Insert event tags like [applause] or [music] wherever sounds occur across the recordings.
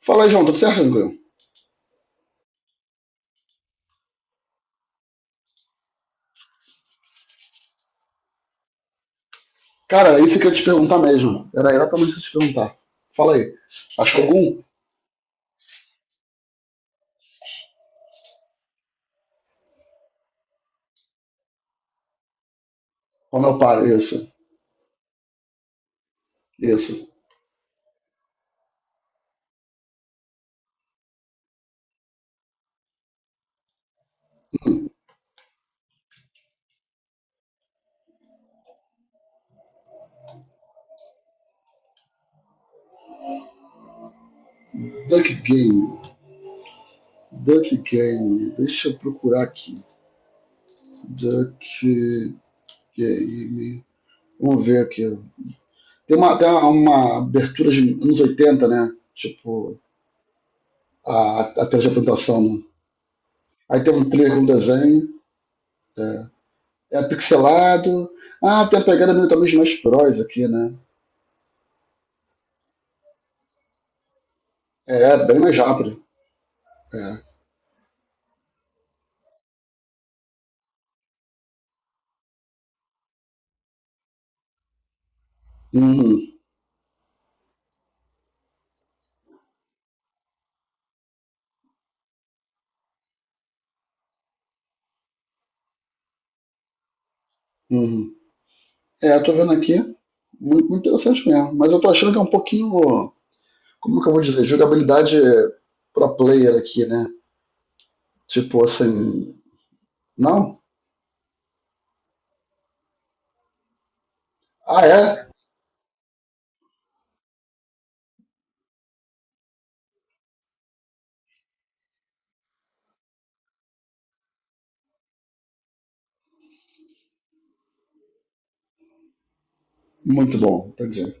Fala aí, João, tudo certo, tranquilo? Cara, é isso que eu ia te perguntar mesmo. Era exatamente isso que eu ia te perguntar. Fala aí. Achou algum? Como eu paro? Isso. Isso. Duck Game. Duck Game. Deixa eu procurar aqui. Duck Game. Vamos ver aqui. Tem uma abertura de anos 80, né? Tipo, a tela de apresentação, né? Aí tem um trailer com desenho. É, é pixelado. Ah, tem a pegada meio também de Smash Bros aqui, né? É, bem mais rápido. É. Uhum, uhum. É, eu tô vendo aqui, muito, muito interessante mesmo. Mas eu tô achando que é um pouquinho, como que eu vou dizer, jogabilidade pro player aqui, né? Tipo assim, não? Ah, é? Muito bom, entendi.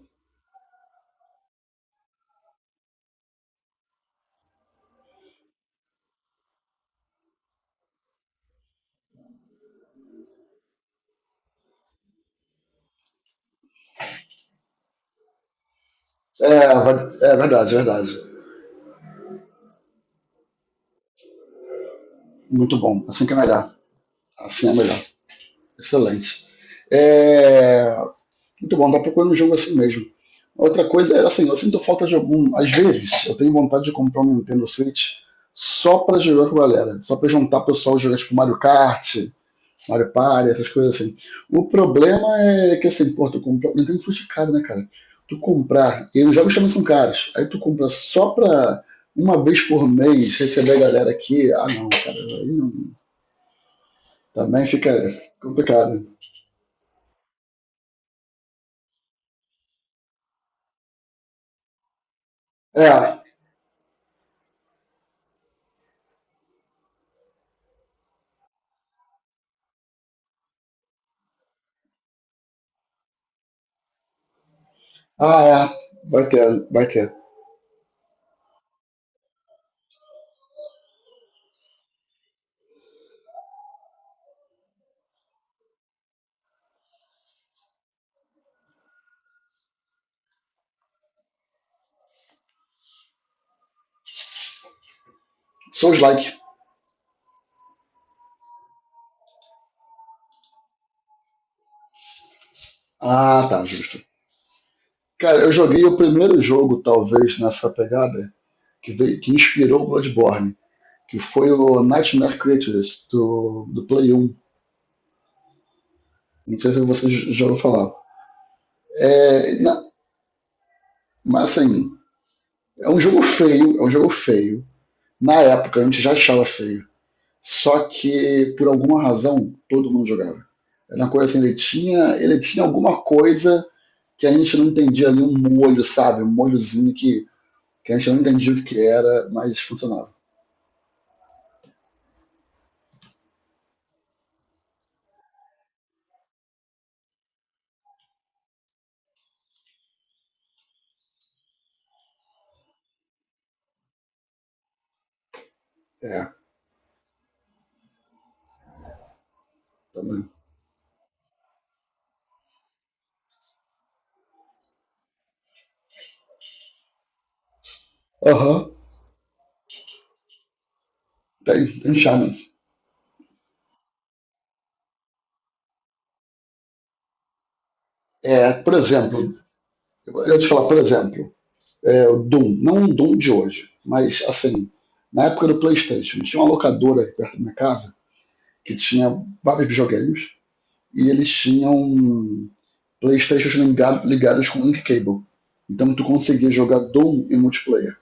É, é verdade, é verdade. Muito bom. Assim que é melhor. Assim é melhor. Excelente. É, muito bom, tá procurando um jogo assim mesmo. Outra coisa é assim, eu sinto falta de algum. Às vezes, eu tenho vontade de comprar um Nintendo Switch só pra jogar com a galera. Só pra juntar o pessoal e jogar tipo Mario Kart, Mario Party, essas coisas assim. O problema é que assim, pô, tu comprar. Nintendo Switch é caro, né, cara? Tu comprar, e os jogos também são caros. Aí tu compra só pra uma vez por mês receber a galera aqui. Ah não, cara, aí não- também fica complicado. É, ah é, vai ter, vai ter. Souls like. Ah, tá, justo. Cara, eu joguei o primeiro jogo, talvez, nessa pegada, que, que inspirou o Bloodborne, que foi o Nightmare Creatures, do Play 1. Não sei se você já ouviu falar. É, mas assim, é um jogo feio, é um jogo feio. Na época, a gente já achava feio. Só que, por alguma razão, todo mundo jogava. Era uma coisa assim, ele tinha alguma coisa que a gente não entendia ali, um molho, sabe? Um molhozinho que a gente não entendia o que era, mas funcionava. É, também. Aham, uhum. Tem, tem charme. É, por exemplo, eu ia te falar, por exemplo, é, o Doom, não o Doom de hoje, mas assim, na época do PlayStation, tinha uma locadora aí perto da minha casa que tinha vários videogames e eles tinham PlayStations ligados com link cable. Então tu conseguia jogar Doom em multiplayer.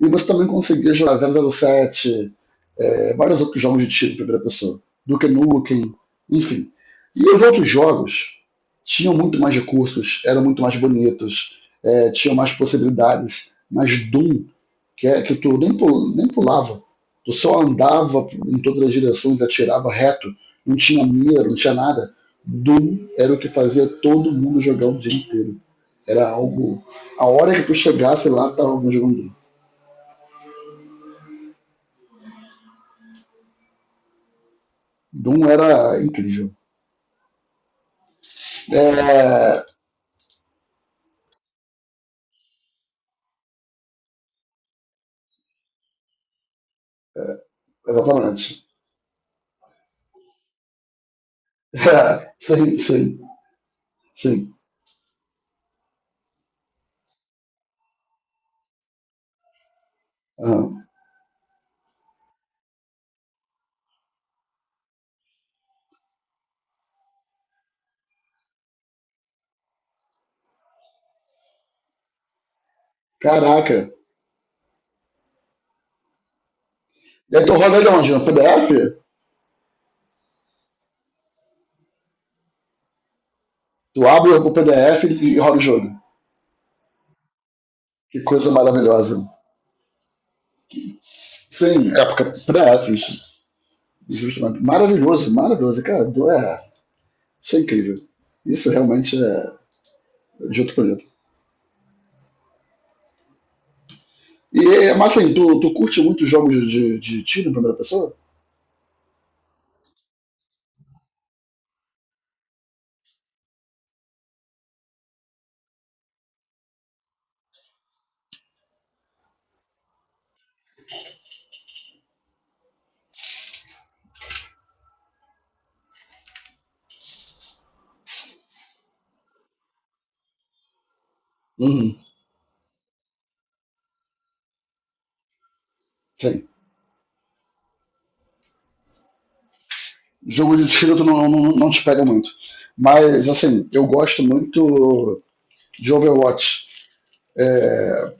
E você também conseguia jogar zero zero sete, é, vários outros jogos de tiro em primeira pessoa, Duke Nukem, enfim. E os outros jogos tinham muito mais recursos, eram muito mais bonitos, é, tinham mais possibilidades, mas Doom, que, é, que tu nem, nem pulava, tu só andava em todas as direções, atirava reto, não tinha mira, não tinha nada. Doom era o que fazia todo mundo jogar o dia inteiro. Era algo. A hora que tu chegasse lá, tava jogando Doom. Doom era incrível. Exatamente. [laughs] É, sim, sim, sim. Aham. Caraca. E aí tu roda ele onde? No PDF? Tu abre o PDF e roda o jogo. Que coisa maravilhosa. Sim, época PDF. Justamente. Maravilhoso, maravilhoso. É, isso é incrível. Isso realmente é de outro planeta. E, é, mas assim, tu curte muito jogos de, de tiro em primeira pessoa? Uhum. Sim. Jogo de tiro tu não, não te pega muito. Mas, assim, eu gosto muito de Overwatch. É,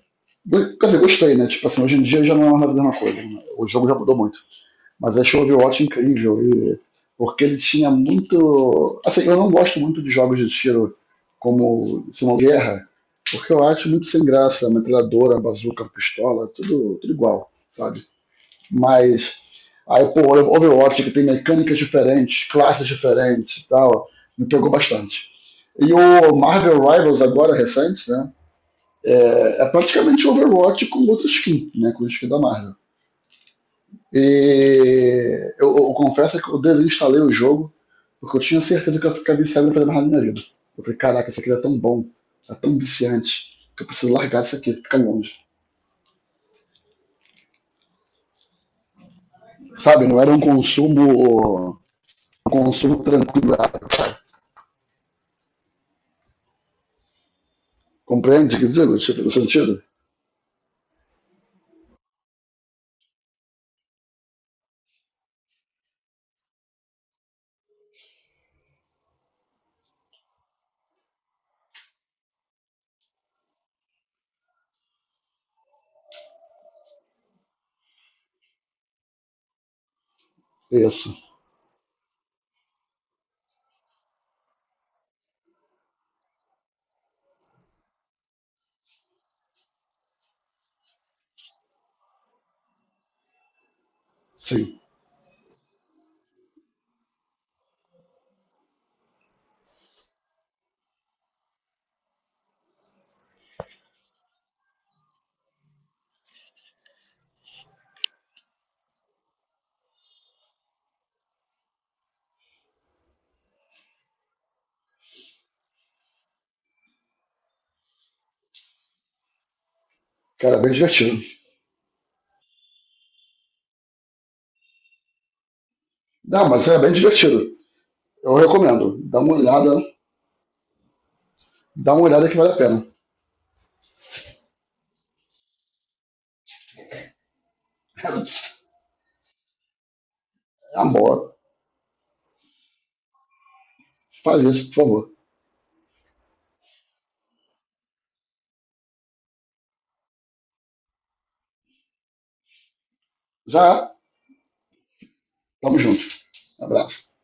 quer dizer, gostei, né? Tipo assim, hoje em dia já não é mais a mesma coisa, né? O jogo já mudou muito. Mas achei o Overwatch incrível. Porque ele tinha muito. Assim, eu não gosto muito de jogos de tiro como Simão Guerra, porque eu acho muito sem graça. Metralhadora, bazuca, pistola, tudo, tudo igual, sabe? Mas. Aí, pô, o Overwatch, que tem mecânicas diferentes, classes diferentes e tal, me pegou bastante. E o Marvel Rivals, agora recente, né? É, é praticamente um Overwatch com outra skin, né? Com a skin da Marvel. E eu confesso que eu desinstalei o jogo, porque eu tinha certeza que eu ia ficar viciado e não fazer mais nada na minha vida. Eu falei, caraca, isso aqui é tão bom, é tão viciante, que eu preciso largar isso aqui, ficar longe. Sabe, não era um consumo tranquilo. Compreende o que digo? Tipo, no sentido? Isso, sim. Cara, é bem divertido. Não, mas é bem divertido. Eu recomendo. Dá uma olhada que vale a pena. [laughs] É amor, faz isso, por favor. Já, tamo junto. Abraço.